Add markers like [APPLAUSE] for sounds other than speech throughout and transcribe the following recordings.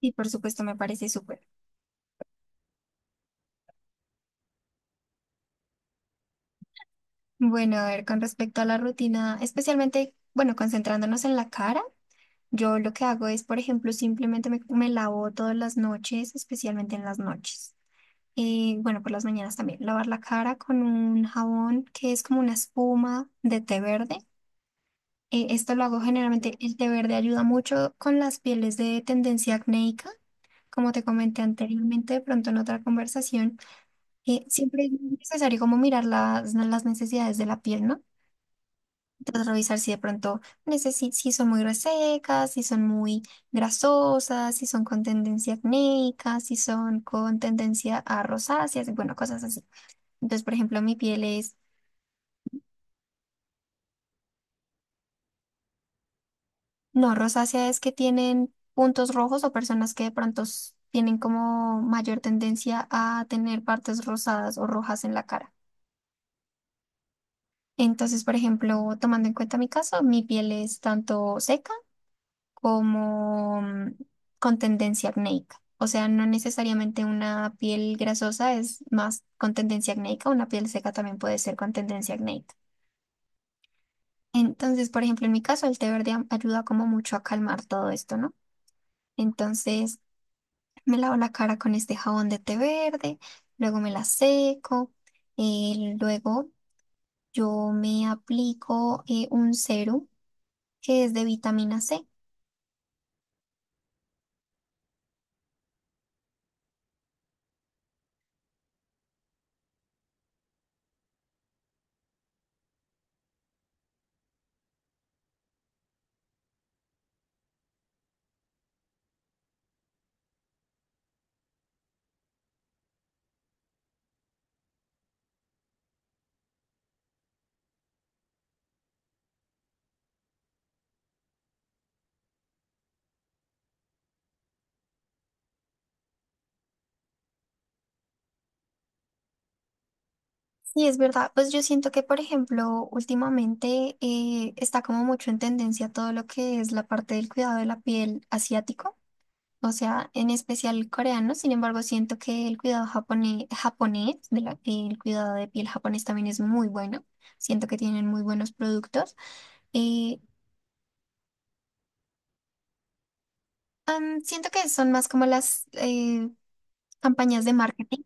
Y por supuesto, me parece súper. Bueno, a ver, con respecto a la rutina, especialmente, bueno, concentrándonos en la cara, yo lo que hago es, por ejemplo, simplemente me lavo todas las noches, especialmente en las noches. Y bueno, por las mañanas también, lavar la cara con un jabón que es como una espuma de té verde. Esto lo hago generalmente, el té verde ayuda mucho con las pieles de tendencia acnéica, como te comenté anteriormente, de pronto en otra conversación. Que siempre es necesario como mirar las necesidades de la piel, ¿no? Entonces revisar si de pronto si son muy resecas, si son muy grasosas, si son con tendencia acnéica, si son con tendencia a rosáceas, y bueno, cosas así. Entonces, por ejemplo, mi piel es, no, rosácea es que tienen puntos rojos o personas que de pronto tienen como mayor tendencia a tener partes rosadas o rojas en la cara. Entonces, por ejemplo, tomando en cuenta mi caso, mi piel es tanto seca, como con tendencia acnéica. O sea, no necesariamente una piel grasosa es más con tendencia acnéica, una piel seca también puede ser con tendencia acnéica. Entonces, por ejemplo, en mi caso, el té verde ayuda como mucho a calmar todo esto, ¿no? Entonces, me lavo la cara con este jabón de té verde, luego me la seco, luego yo me aplico un serum que es de vitamina C. Sí, es verdad. Pues yo siento que, por ejemplo, últimamente está como mucho en tendencia todo lo que es la parte del cuidado de la piel asiático, o sea, en especial coreano. Sin embargo, siento que el cuidado japonés, el cuidado de piel japonés también es muy bueno. Siento que tienen muy buenos productos. Eh, siento que son más como las campañas de marketing.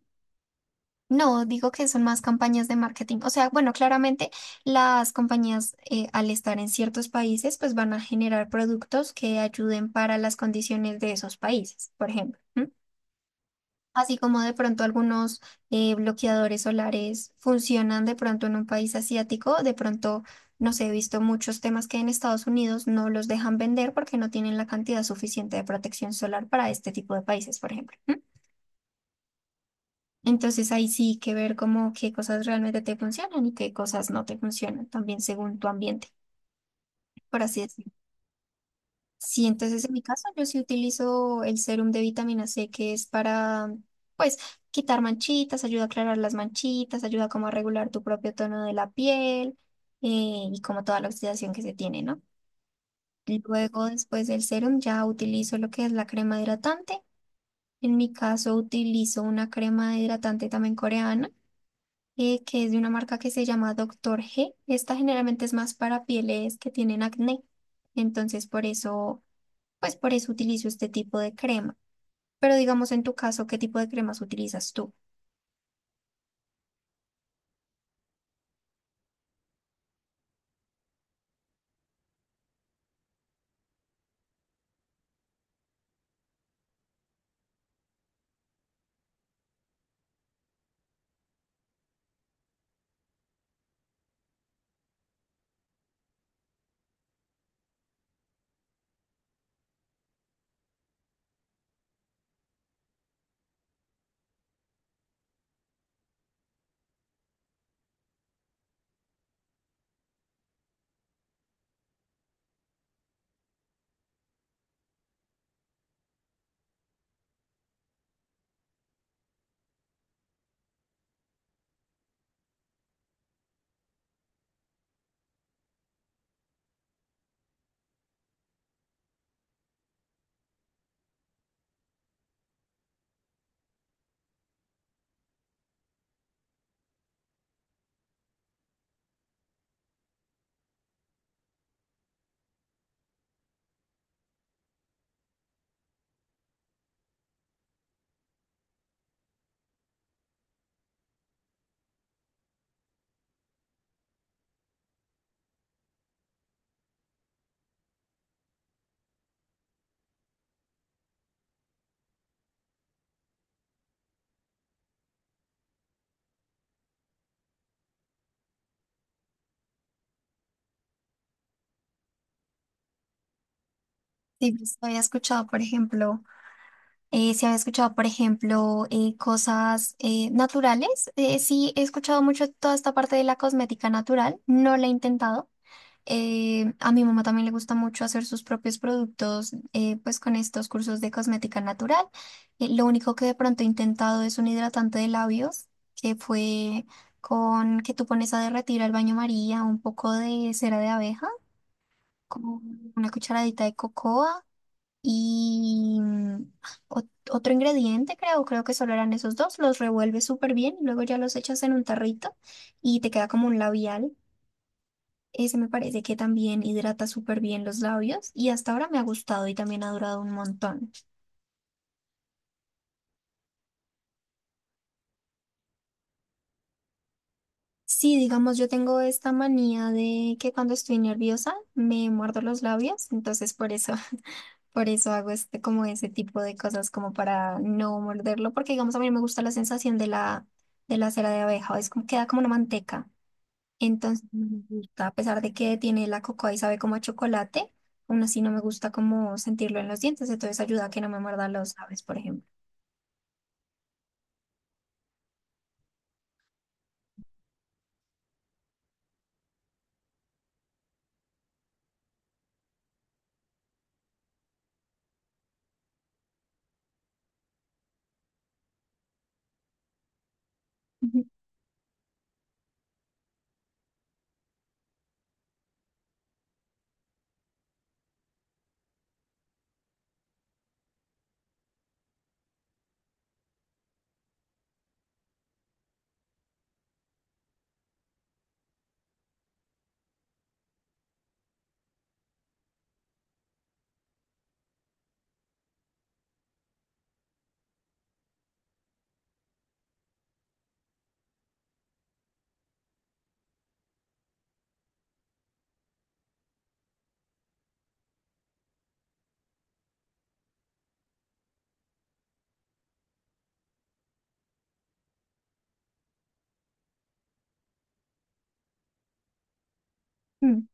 No, digo que son más campañas de marketing. O sea, bueno, claramente las compañías al estar en ciertos países, pues van a generar productos que ayuden para las condiciones de esos países, por ejemplo. ¿M? Así como de pronto algunos bloqueadores solares funcionan de pronto en un país asiático, de pronto, no sé, he visto muchos temas que en Estados Unidos no los dejan vender porque no tienen la cantidad suficiente de protección solar para este tipo de países, por ejemplo. Entonces ahí sí que ver como qué cosas realmente te funcionan y qué cosas no te funcionan, también según tu ambiente, por así decirlo. Sí, entonces en mi caso yo sí utilizo el serum de vitamina C que es para, pues, quitar manchitas, ayuda a aclarar las manchitas, ayuda como a regular tu propio tono de la piel y como toda la oxidación que se tiene, ¿no? Luego, después del serum, ya utilizo lo que es la crema hidratante. En mi caso utilizo una crema hidratante también coreana que es de una marca que se llama Doctor G. Esta generalmente es más para pieles que tienen acné. Entonces, por eso, pues por eso utilizo este tipo de crema. Pero digamos en tu caso, ¿qué tipo de cremas utilizas tú? Sí, pues, había escuchado, por ejemplo, si había escuchado, por ejemplo, cosas naturales. Sí, he escuchado mucho toda esta parte de la cosmética natural. No la he intentado. A mi mamá también le gusta mucho hacer sus propios productos, pues con estos cursos de cosmética natural. Lo único que de pronto he intentado es un hidratante de labios, que fue con que tú pones a derretir al baño María un poco de cera de abeja, con una cucharadita de cocoa y otro ingrediente, creo que solo eran esos dos. Los revuelves súper bien y luego ya los echas en un tarrito y te queda como un labial. Ese me parece que también hidrata súper bien los labios y hasta ahora me ha gustado y también ha durado un montón. Sí, digamos, yo tengo esta manía de que cuando estoy nerviosa me muerdo los labios, entonces por eso, [LAUGHS] por eso hago este, como ese tipo de cosas como para no morderlo, porque digamos a mí no me gusta la sensación de la cera de abeja, es como queda como una manteca. Entonces, no me gusta, a pesar de que tiene la cocoa y sabe como a chocolate, aún así no me gusta como sentirlo en los dientes, entonces ayuda a que no me muerda los labios, por ejemplo. Ujú. Mm.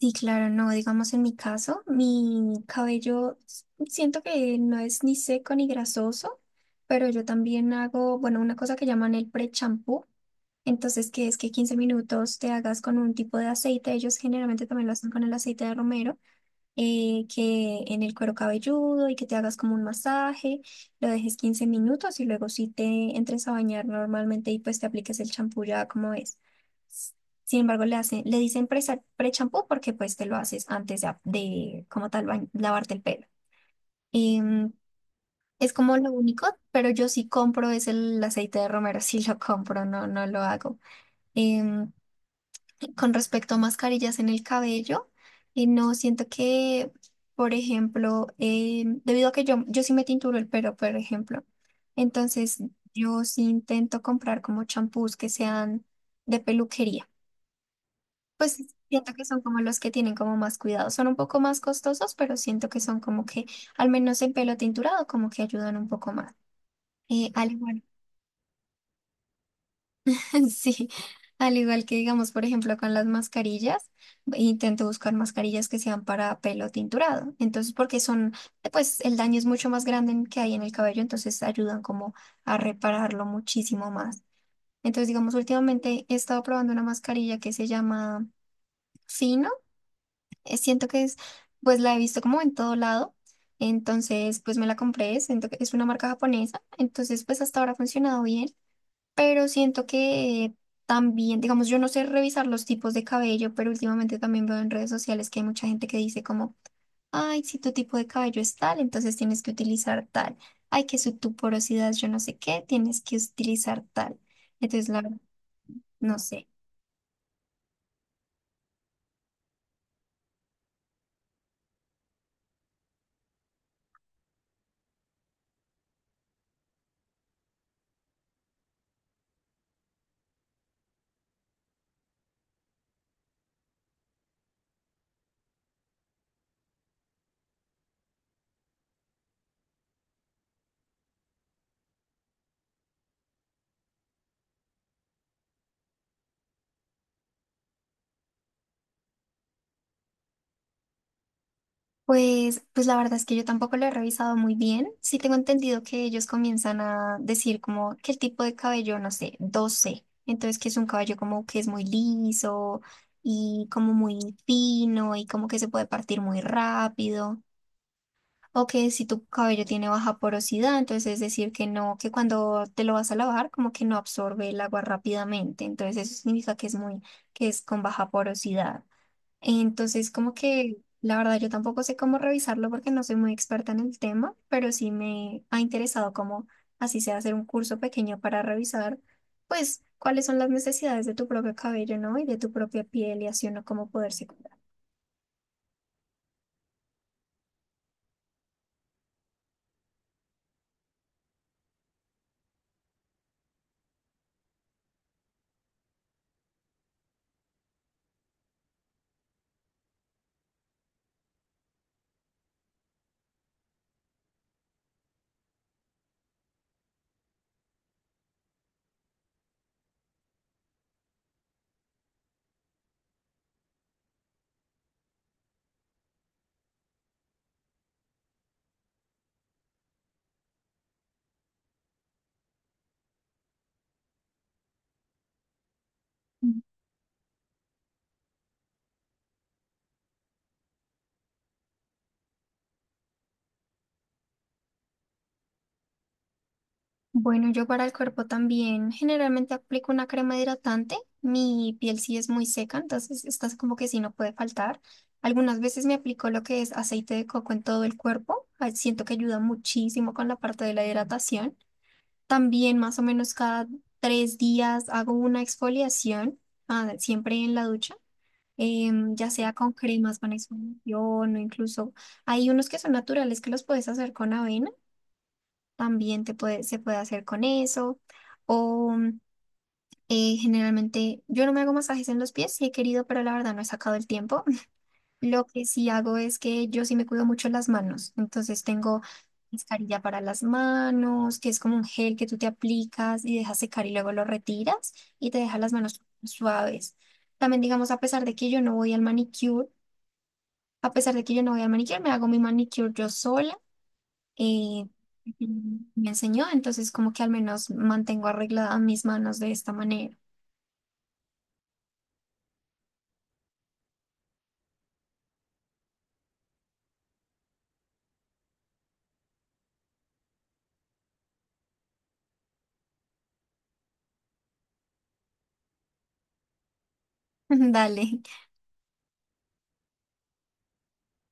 Sí, claro, no, digamos en mi caso, mi cabello siento que no es ni seco ni grasoso, pero yo también hago, bueno, una cosa que llaman el pre-champú, entonces que es que 15 minutos te hagas con un tipo de aceite, ellos generalmente también lo hacen con el aceite de romero, que en el cuero cabelludo y que te hagas como un masaje, lo dejes 15 minutos y luego si te entres a bañar normalmente y pues te apliques el champú ya como es. S- Sin embargo, le hacen, le dicen pre-champú porque pues te lo haces antes de como tal lavarte el pelo. Em, es como lo único, pero yo sí compro es el aceite de romero, [LAUGHS] sí lo compro, no, no lo hago. Em, con respecto a mascarillas en el cabello, no siento que, por ejemplo, debido a que yo sí me tinturo el pelo, por ejemplo, entonces yo sí intento comprar como champús que sean de peluquería. Pues siento que son como los que tienen como más cuidado. Son un poco más costosos, pero siento que son como que, al menos en pelo tinturado, como que ayudan un poco más. Al igual [LAUGHS] sí, al igual que digamos, por ejemplo, con las mascarillas, intento buscar mascarillas que sean para pelo tinturado. Entonces, porque son, pues el daño es mucho más grande que hay en el cabello, entonces ayudan como a repararlo muchísimo más. Entonces, digamos, últimamente he estado probando una mascarilla que se llama Fino. Siento que es, pues la he visto como en todo lado. Entonces, pues me la compré, siento que es una marca japonesa. Entonces, pues hasta ahora ha funcionado bien, pero siento que también, digamos, yo no sé revisar los tipos de cabello, pero últimamente también veo en redes sociales que hay mucha gente que dice como, ay, si tu tipo de cabello es tal, entonces tienes que utilizar tal. Ay, que su tu porosidad, yo no sé qué, tienes que utilizar tal. Entonces, la verdad, no sé. Pues la verdad es que yo tampoco lo he revisado muy bien. Sí tengo entendido que ellos comienzan a decir como que el tipo de cabello, no sé, 12. Entonces que es un cabello como que es muy liso y como muy fino y como que se puede partir muy rápido. O que si tu cabello tiene baja porosidad, entonces es decir que no, que cuando te lo vas a lavar como que no absorbe el agua rápidamente. Entonces eso significa que es muy, que es con baja porosidad. Entonces, como que la verdad yo tampoco sé cómo revisarlo porque no soy muy experta en el tema, pero sí me ha interesado como así sea hacer un curso pequeño para revisar, pues, cuáles son las necesidades de tu propio cabello, ¿no? Y de tu propia piel y así uno cómo poderse cuidar. Bueno, yo para el cuerpo también generalmente aplico una crema hidratante. Mi piel sí es muy seca, entonces estas como que sí no puede faltar. Algunas veces me aplico lo que es aceite de coco en todo el cuerpo. Siento que ayuda muchísimo con la parte de la hidratación. También más o menos cada 3 días hago una exfoliación, siempre en la ducha. Ya sea con cremas, con exfoliación o incluso hay unos que son naturales que los puedes hacer con avena, también te puede, se puede hacer con eso. O generalmente yo no me hago masajes en los pies, sí he querido, pero la verdad no he sacado el tiempo. [LAUGHS] Lo que sí hago es que yo sí me cuido mucho las manos. Entonces tengo mascarilla para las manos, que es como un gel que tú te aplicas y dejas secar y luego lo retiras y te deja las manos suaves. También digamos, a pesar de que yo no voy al manicure, a pesar de que yo no voy al manicure, me hago mi manicure yo sola eh, Ujú. Me enseñó, entonces como que al menos mantengo arregladas mis manos de esta manera. [LAUGHS] Dale.